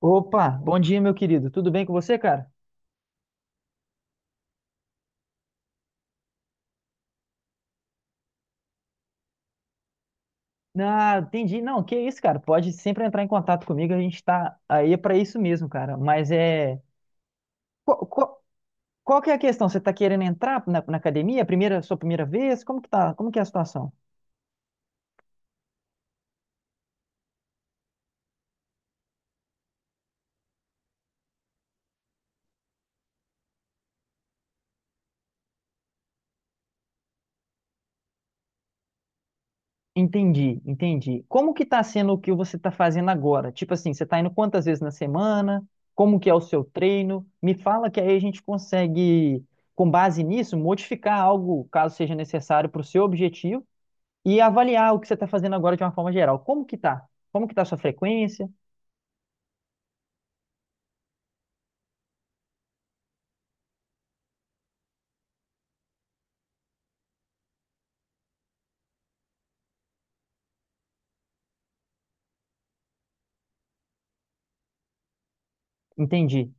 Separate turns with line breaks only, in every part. Opa, bom dia, meu querido. Tudo bem com você, cara? Ah, entendi. Não, que isso, cara. Pode sempre entrar em contato comigo. A gente tá aí para isso mesmo, cara. Mas é. Qual, qual, qual que é a questão? Você tá querendo entrar na academia? É primeira, sua primeira vez? Como que tá? Como que é a situação? Entendi. Como que tá sendo o que você tá fazendo agora? Tipo assim, você tá indo quantas vezes na semana? Como que é o seu treino? Me fala que aí a gente consegue, com base nisso, modificar algo, caso seja necessário, para o seu objetivo e avaliar o que você está fazendo agora de uma forma geral. Como que tá? Como que tá a sua frequência? Entendi.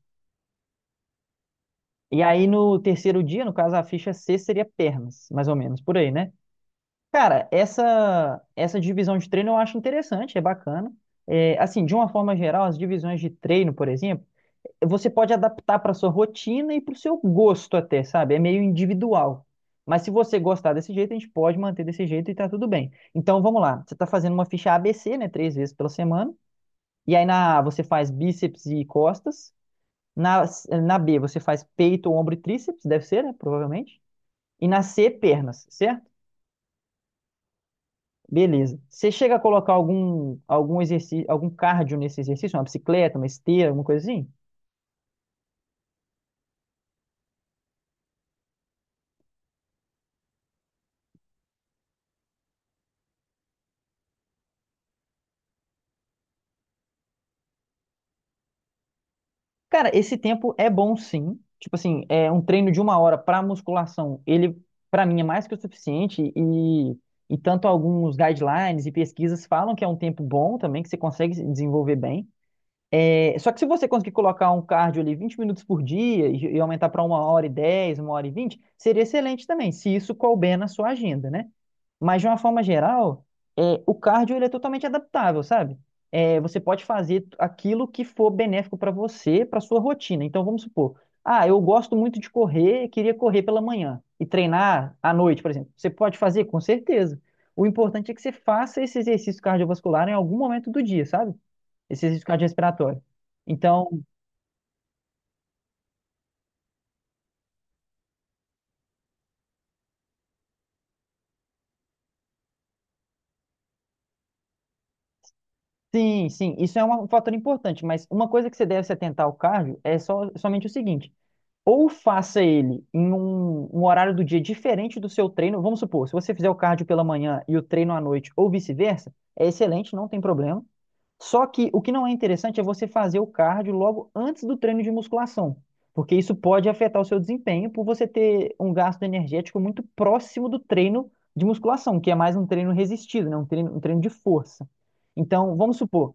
E aí no terceiro dia, no caso, a ficha C seria pernas, mais ou menos, por aí, né? Cara, essa divisão de treino eu acho interessante, é bacana. É, assim, de uma forma geral, as divisões de treino, por exemplo, você pode adaptar para sua rotina e para o seu gosto até, sabe? É meio individual. Mas se você gostar desse jeito, a gente pode manter desse jeito e tá tudo bem. Então, vamos lá. Você está fazendo uma ficha ABC, né? Três vezes pela semana. E aí na A você faz bíceps e costas. Na, na B você faz peito, ombro e tríceps, deve ser, né? Provavelmente. E na C, pernas, certo? Beleza. Você chega a colocar algum exercício, algum cardio nesse exercício, uma bicicleta, uma esteira, alguma coisa assim? Cara, esse tempo é bom sim. Tipo assim, é um treino de uma hora para musculação, ele para mim é mais que o suficiente e tanto alguns guidelines e pesquisas falam que é um tempo bom também, que você consegue desenvolver bem. É, só que se você conseguir colocar um cardio ali 20 minutos por dia e aumentar para 1 hora e 10, 1 hora e 20, seria excelente também, se isso couber na sua agenda, né? Mas de uma forma geral, é, o cardio ele é totalmente adaptável, sabe? É, você pode fazer aquilo que for benéfico para você, para sua rotina. Então vamos supor, ah, eu gosto muito de correr, queria correr pela manhã e treinar à noite, por exemplo. Você pode fazer? Com certeza. O importante é que você faça esse exercício cardiovascular em algum momento do dia, sabe? Esse risco cardiorrespiratório. Então, sim, isso é uma- um fator importante, mas uma coisa que você deve se atentar ao cardio é só, somente o seguinte: ou faça ele em um horário do dia diferente do seu treino. Vamos supor, se você fizer o cardio pela manhã e o treino à noite, ou vice-versa, é excelente, não tem problema. Só que o que não é interessante é você fazer o cardio logo antes do treino de musculação, porque isso pode afetar o seu desempenho por você ter um gasto energético muito próximo do treino de musculação, que é mais um treino resistido, né? Um treino de força. Então, vamos supor,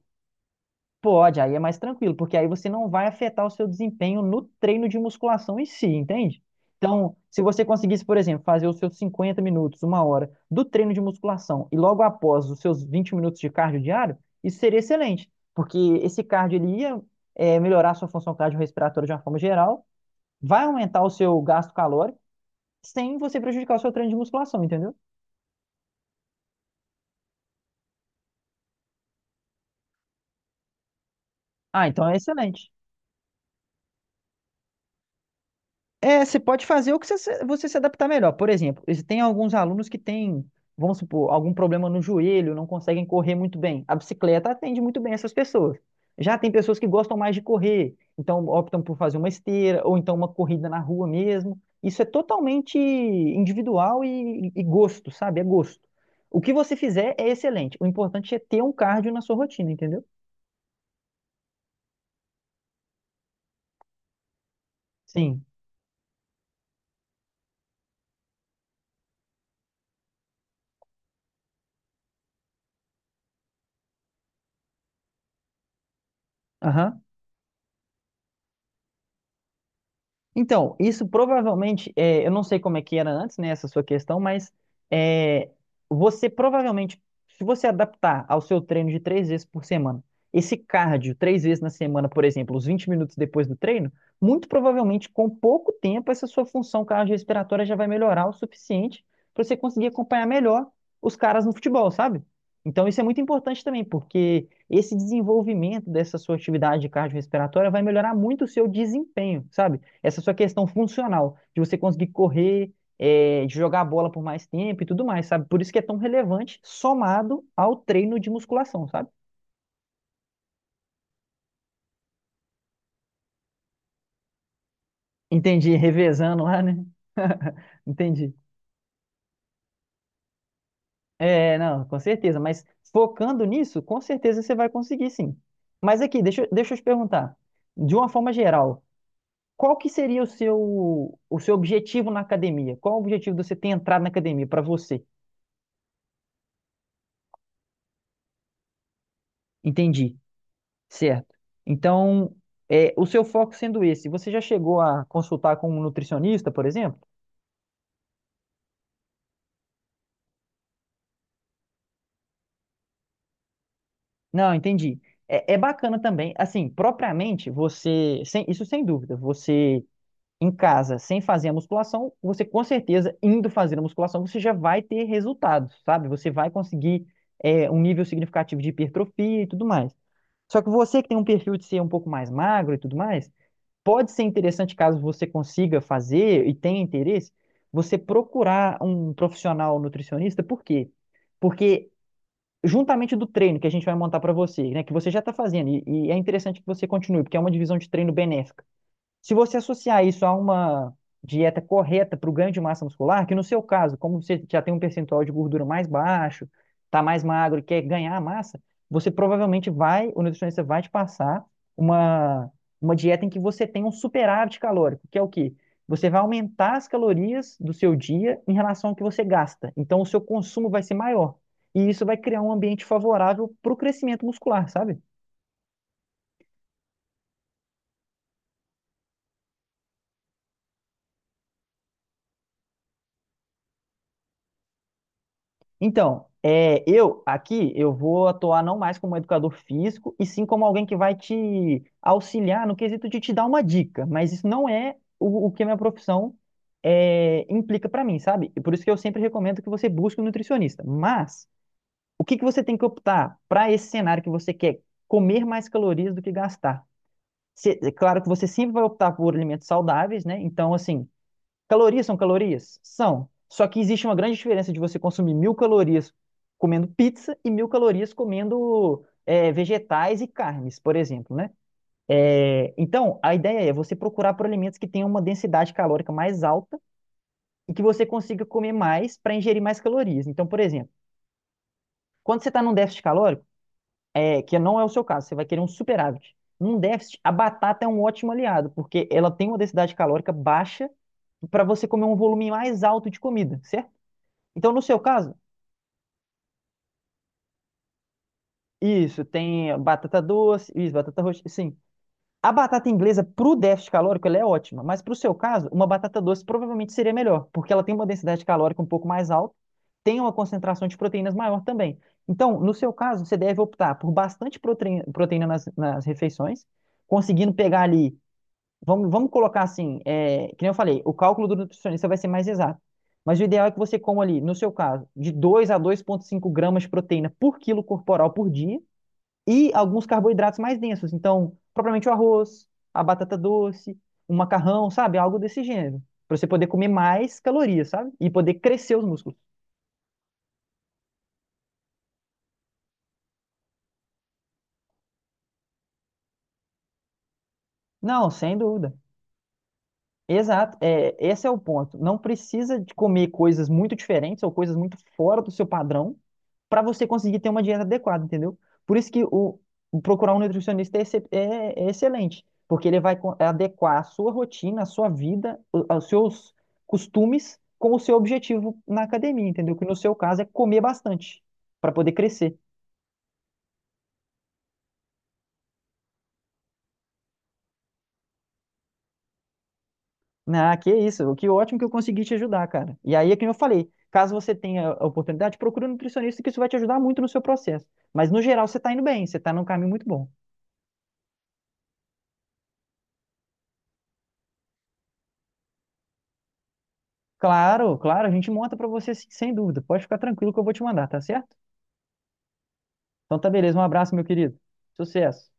pode, aí é mais tranquilo, porque aí você não vai afetar o seu desempenho no treino de musculação em si, entende? Então, se você conseguisse, por exemplo, fazer os seus 50 minutos, uma hora do treino de musculação e logo após os seus 20 minutos de cardio diário, isso seria excelente, porque esse cardio ele ia melhorar a sua função cardiorrespiratória de uma forma geral, vai aumentar o seu gasto calórico sem você prejudicar o seu treino de musculação, entendeu? Ah, então é excelente. É, você pode fazer o que você se adaptar melhor. Por exemplo, esse- tem alguns alunos que têm, vamos supor, algum problema no joelho, não conseguem correr muito bem. A bicicleta atende muito bem essas pessoas. Já tem pessoas que gostam mais de correr, então optam por fazer uma esteira ou então uma corrida na rua mesmo. Isso é totalmente individual e gosto, sabe? É gosto. O que você fizer é excelente. O importante é ter um cardio na sua rotina, entendeu? Sim. Aham. Então, isso provavelmente, é, eu não sei como é que era antes, né, essa sua questão, mas é, você provavelmente, se você adaptar ao seu treino de três vezes por semana, esse cardio três vezes na semana, por exemplo, os 20 minutos depois do treino, muito provavelmente com pouco tempo essa sua função cardiorrespiratória já vai melhorar o suficiente para você conseguir acompanhar melhor os caras no futebol, sabe? Então isso é muito importante também, porque esse desenvolvimento dessa sua atividade cardiorrespiratória vai melhorar muito o seu desempenho, sabe? Essa sua questão funcional, de você conseguir correr, é, de jogar a bola por mais tempo e tudo mais, sabe? Por isso que é tão relevante, somado ao treino de musculação, sabe? Entendi, revezando lá, né? Entendi. É, não, com certeza, mas focando nisso, com certeza você vai conseguir sim. Mas aqui, deixa eu te perguntar, de uma forma geral, qual que seria o seu objetivo na academia? Qual o objetivo de você ter entrado na academia para você? Entendi. Certo. Então, é, o seu foco sendo esse, você já chegou a consultar com um nutricionista, por exemplo? Não, entendi. É, é bacana também, assim, propriamente você, sem- isso sem dúvida, você em casa, sem fazer a musculação, você com certeza, indo fazer a musculação, você já vai ter resultados, sabe? Você vai conseguir é, um nível significativo de hipertrofia e tudo mais. Só que você que tem um perfil de ser um pouco mais magro e tudo mais, pode ser interessante caso você consiga fazer e tenha interesse, você procurar um profissional nutricionista, por quê? Porque juntamente do treino que a gente vai montar para você, né, que você já está fazendo, e é interessante que você continue, porque é uma divisão de treino benéfica. Se você associar isso a uma dieta correta para o ganho de massa muscular, que no seu caso, como você já tem um percentual de gordura mais baixo, está mais magro e quer ganhar massa, você provavelmente vai, o nutricionista vai te passar uma, uma dieta em que você tem um superávit calórico, que é o quê? Você vai aumentar as calorias do seu dia em relação ao que você gasta. Então, o seu consumo vai ser maior. E isso vai criar um ambiente favorável para o crescimento muscular, sabe? Então, é, eu aqui eu vou atuar não mais como educador físico, e sim como alguém que vai te auxiliar no quesito de te dar uma dica, mas isso não é o que a minha profissão é, implica para mim, sabe? E por isso que eu sempre recomendo que você busque um nutricionista. Mas o que que você tem que optar para esse cenário que você quer comer mais calorias do que gastar? Cê- é claro que você sempre vai optar por alimentos saudáveis, né? Então, assim, calorias são calorias? São. Só que existe uma grande diferença de você consumir 1.000 calorias comendo pizza e 1.000 calorias comendo é, vegetais e carnes, por exemplo, né? É, então, a ideia é você procurar por alimentos que tenham uma densidade calórica mais alta e que você consiga comer mais para ingerir mais calorias. Então, por exemplo, quando você está num déficit calórico, é, que não é o seu caso, você vai querer um superávit. Num déficit, a batata é um ótimo aliado, porque ela tem uma densidade calórica baixa para você comer um volume mais alto de comida, certo? Então, no seu caso, isso, tem batata doce, isso, batata roxa, sim. A batata inglesa pro déficit calórico, ela é ótima, mas pro seu caso, uma batata doce provavelmente seria melhor, porque ela tem uma densidade calórica um pouco mais alta, tem uma concentração de proteínas maior também. Então, no seu caso, você deve optar por bastante proteína, proteína nas refeições, conseguindo pegar ali. Vamos colocar assim, é, que nem eu falei, o cálculo do nutricionista vai ser mais exato. Mas o ideal é que você coma ali, no seu caso, de 2 a 2,5 gramas de proteína por quilo corporal por dia e alguns carboidratos mais densos. Então, propriamente o arroz, a batata doce, o macarrão, sabe? Algo desse gênero. Para você poder comer mais calorias, sabe? E poder crescer os músculos. Não, sem dúvida. Exato, é, esse é o ponto. Não precisa de comer coisas muito diferentes ou coisas muito fora do seu padrão para você conseguir ter uma dieta adequada, entendeu? Por isso que o procurar um nutricionista é, excep- é- é excelente, porque ele vai co- adequar a sua rotina, a sua vida, o- aos seus costumes com o seu objetivo na academia, entendeu? Que no seu caso é comer bastante para poder crescer. Ah, que isso. Que ótimo que eu consegui te ajudar, cara. E aí é que eu falei, caso você tenha a oportunidade, procure um nutricionista que isso vai te ajudar muito no seu processo. Mas no geral você tá indo bem, você tá num caminho muito bom. Claro, a gente monta pra você sim, sem dúvida. Pode ficar tranquilo que eu vou te mandar, tá certo? Então tá beleza, um abraço, meu querido. Sucesso.